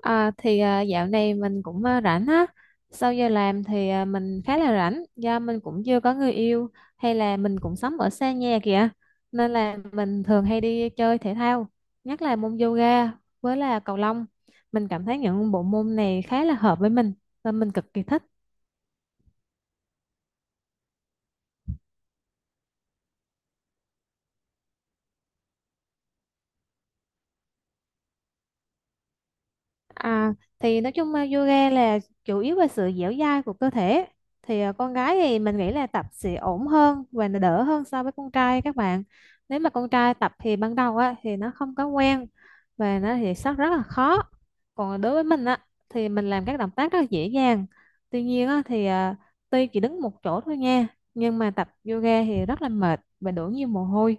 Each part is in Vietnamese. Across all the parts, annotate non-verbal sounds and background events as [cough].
Dạo này mình cũng rảnh á, sau giờ làm thì mình khá là rảnh do mình cũng chưa có người yêu, hay là mình cũng sống ở xa nhà kìa, nên là mình thường hay đi chơi thể thao, nhất là môn yoga với là cầu lông. Mình cảm thấy những bộ môn này khá là hợp với mình và mình cực kỳ thích. À, thì Nói chung yoga là chủ yếu về sự dẻo dai của cơ thể. Thì con gái thì mình nghĩ là tập sẽ ổn hơn và nó đỡ hơn so với con trai các bạn. Nếu mà con trai tập thì ban đầu á thì nó không có quen và nó thì rất rất là khó. Còn đối với mình á thì mình làm các động tác rất là dễ dàng. Tuy nhiên á thì tuy chỉ đứng một chỗ thôi nha, nhưng mà tập yoga thì rất là mệt và đổ nhiều mồ hôi,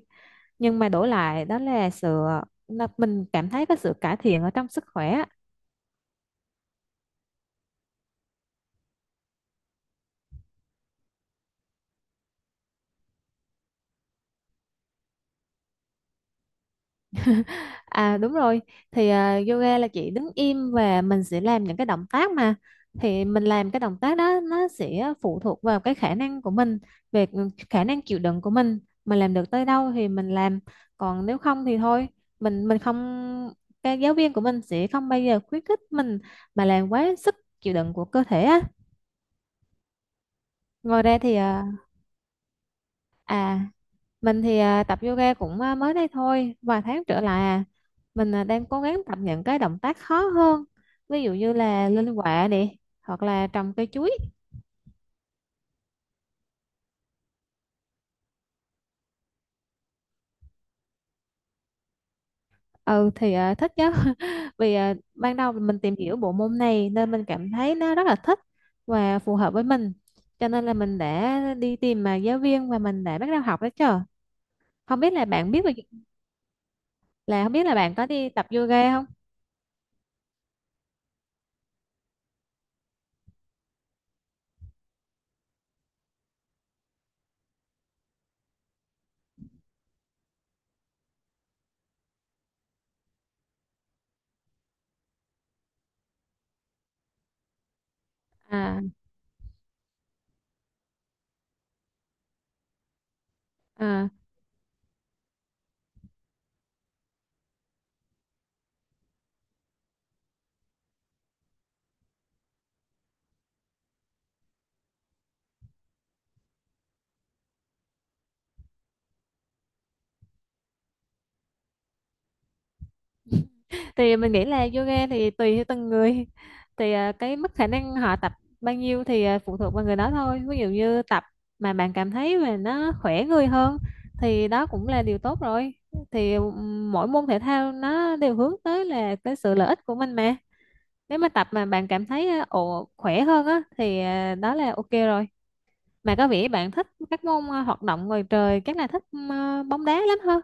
nhưng mà đổi lại đó là sự mình cảm thấy có sự cải thiện ở trong sức khỏe. À đúng rồi, yoga là chỉ đứng im và mình sẽ làm những cái động tác mà, thì mình làm cái động tác đó nó sẽ phụ thuộc vào cái khả năng của mình, về khả năng chịu đựng của mình làm được tới đâu thì mình làm, còn nếu không thì thôi. Mình không, cái giáo viên của mình sẽ không bao giờ khuyến khích mình mà làm quá sức chịu đựng của cơ thể á. Ngoài ra thì à mình thì tập yoga cũng mới đây thôi, vài tháng trở lại à. Mình đang cố gắng tập những cái động tác khó hơn. Ví dụ như là lên quạ nè, hoặc là trồng cây chuối. Ừ thì thích chứ. [laughs] Vì ban đầu mình tìm hiểu bộ môn này nên mình cảm thấy nó rất là thích và phù hợp với mình. Cho nên là mình đã đi tìm mà giáo viên và mình đã bắt đầu học đó chứ. Không biết là bạn biết về- Là không biết là bạn có đi tập yoga không? À à thì mình nghĩ là yoga thì tùy theo từng người [laughs] thì cái mức khả năng họ tập bao nhiêu thì phụ thuộc vào người đó thôi. Ví dụ như tập mà bạn cảm thấy mà nó khỏe người hơn thì đó cũng là điều tốt rồi. Thì mỗi môn thể thao nó đều hướng tới là cái sự lợi ích của mình mà, nếu mà tập mà bạn cảm thấy ồ khỏe hơn á thì đó là ok rồi. Mà có vẻ bạn thích các môn hoạt động ngoài trời, chắc là thích bóng đá lắm hơn.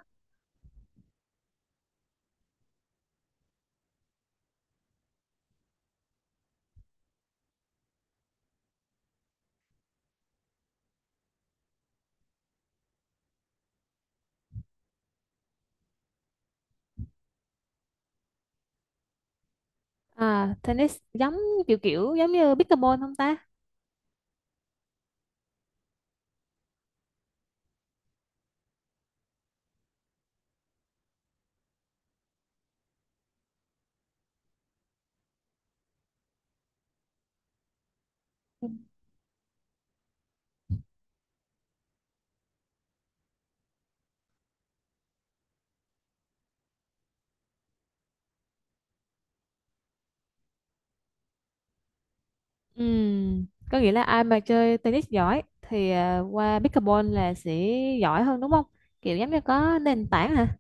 À tennis giống kiểu kiểu giống như pickleball không ta? Ừm, Có nghĩa là ai mà chơi tennis giỏi thì qua pickleball là sẽ giỏi hơn đúng không? Kiểu giống như có nền tảng hả?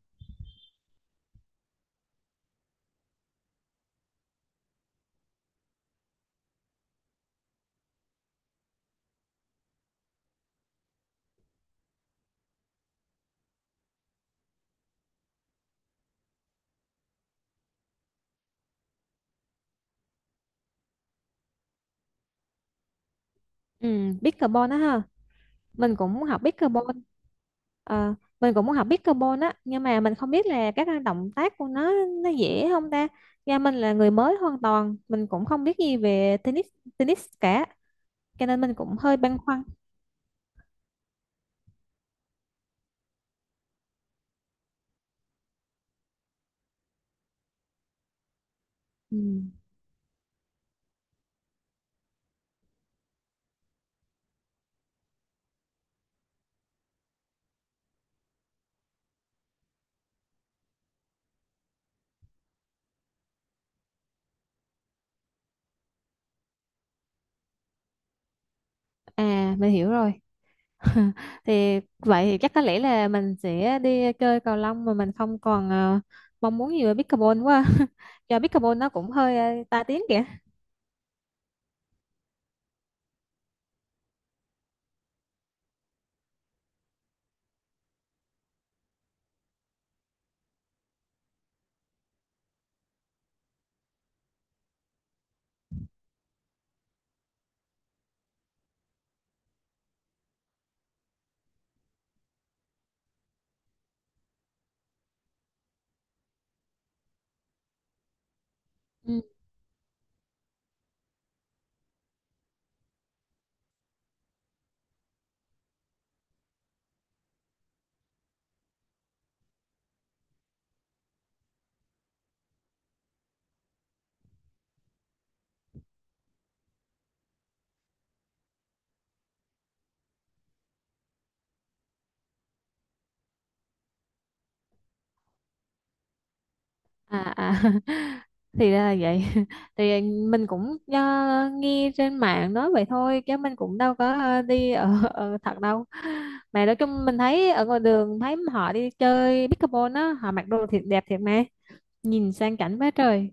Pickleball đó ha. Mình cũng muốn học pickleball. Ờ, mình cũng muốn học pickleball á, nhưng mà mình không biết là các động tác của nó dễ không ta? Nhà mình là người mới hoàn toàn, mình cũng không biết gì về tennis tennis cả, cho nên mình cũng hơi băn khoăn. Ừm, À, mình hiểu rồi. [laughs] Thì vậy thì chắc có lẽ là mình sẽ đi chơi cầu lông mà mình không còn mong muốn gì về pickleball quá. [laughs] Do pickleball nó cũng hơi tai tiếng kìa. Ừ. à à [laughs] thì ra là vậy. [laughs] Thì mình cũng nghe trên mạng nói vậy thôi chứ mình cũng đâu có ở thật đâu. Mà nói chung mình thấy ở ngoài đường thấy họ đi chơi pickleball á, họ mặc đồ thiệt đẹp thiệt mà nhìn sang chảnh quá trời.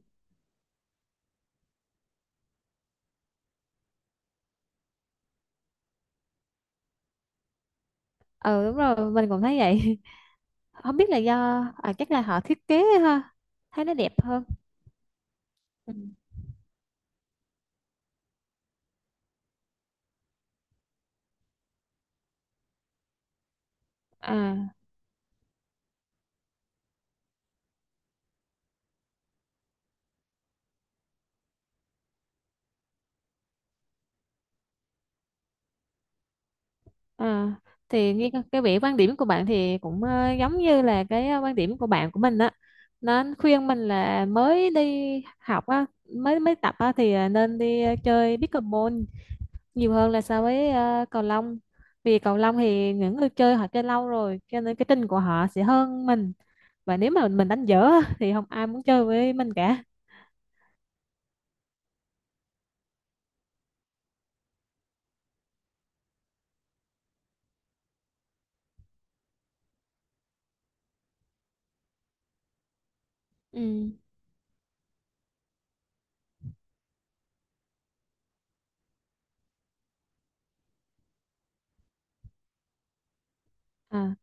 Ừ đúng rồi, mình cũng thấy vậy. [laughs] Không biết là do chắc là họ thiết kế ha, thấy nó đẹp hơn. Ừ. à, à thì nghe cái vẻ quan điểm của bạn thì cũng giống như là cái quan điểm của bạn của mình á, nó khuyên mình là mới đi học á, mới mới tập á thì nên đi chơi pickleball nhiều hơn là so với cầu lông. Vì cầu lông thì những người chơi họ chơi lâu rồi, cho nên cái trình của họ sẽ hơn mình, và nếu mà mình đánh dở á, thì không ai muốn chơi với mình cả. Ừ. À.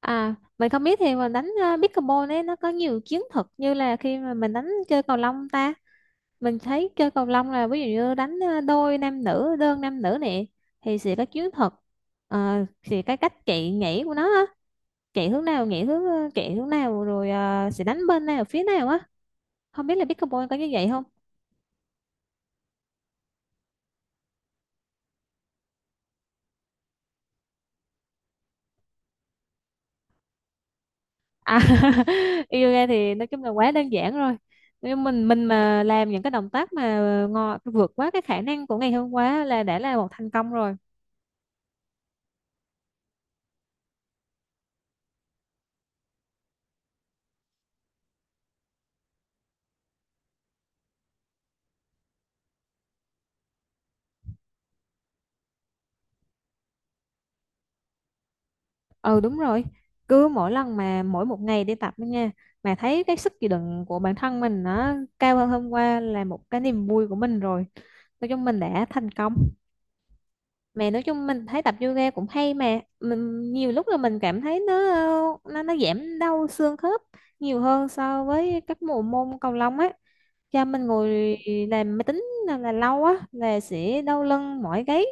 À, mình không biết thì mình đánh pickleball ấy nó có nhiều chiến thuật như là khi mà mình đánh chơi cầu lông ta. Mình thấy chơi cầu lông là ví dụ như đánh đôi nam nữ, đơn nam nữ nè, thì sẽ có chiến thuật. Ờ, thì cái cách chạy nhảy của nó á, chạy hướng nào nhảy hướng chạy hướng nào rồi sẽ đánh bên nào phía nào á, không biết là pickleball có như vậy không. À, [laughs] yoga thì nói chung là quá đơn giản rồi. Nếu mình mà làm những cái động tác mà ngò vượt quá cái khả năng của ngày hôm qua là đã là một thành công rồi. Ừ đúng rồi. Cứ mỗi lần mà mỗi một ngày đi tập đó nha, mà thấy cái sức chịu đựng của bản thân mình nó cao hơn hôm qua là một cái niềm vui của mình rồi. Nói chung mình đã thành công. Mà nói chung mình thấy tập yoga cũng hay, mà mình nhiều lúc là mình cảm thấy nó giảm đau xương khớp nhiều hơn so với các bộ môn cầu lông á. Cho mình ngồi làm máy tính là lâu á là sẽ đau lưng mỏi gáy,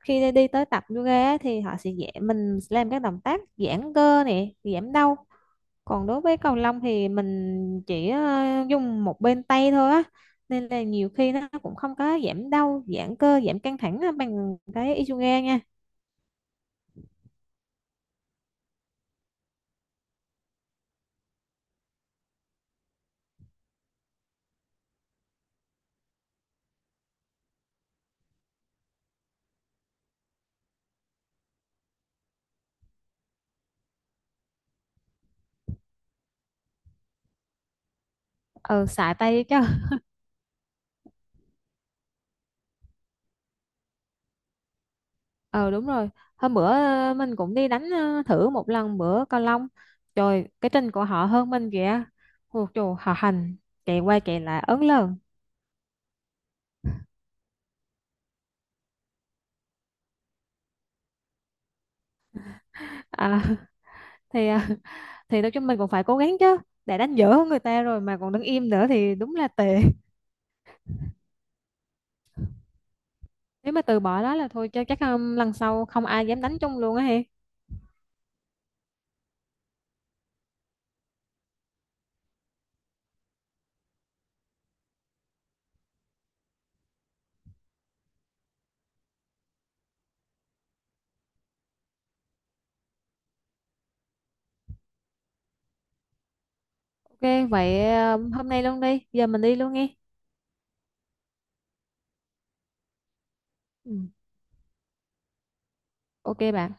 khi đi tới tập yoga á thì họ sẽ dạy mình làm các động tác giãn cơ nè, giảm đau. Còn đối với cầu lông thì mình chỉ dùng một bên tay thôi á, nên là nhiều khi nó cũng không có giảm đau, giãn cơ, giảm căng thẳng á bằng cái Isoga nha. Ờ xài tay chứ. [laughs] Ờ đúng rồi, hôm bữa mình cũng đi đánh thử một lần bữa cầu lông, trời cái chân của họ hơn mình kìa. Ôi trời họ hành, chạy qua chạy lại ớn lờn. à, [laughs] thì thì nói chung mình cũng phải cố gắng chứ, để đánh dở hơn người ta rồi mà còn đứng im nữa thì đúng là tệ. Nếu mà từ bỏ đó là thôi cho chắc lần sau không ai dám đánh chung luôn á he. Ok vậy hôm nay luôn đi. Giờ mình đi luôn nghe. Ừ. Ok bạn.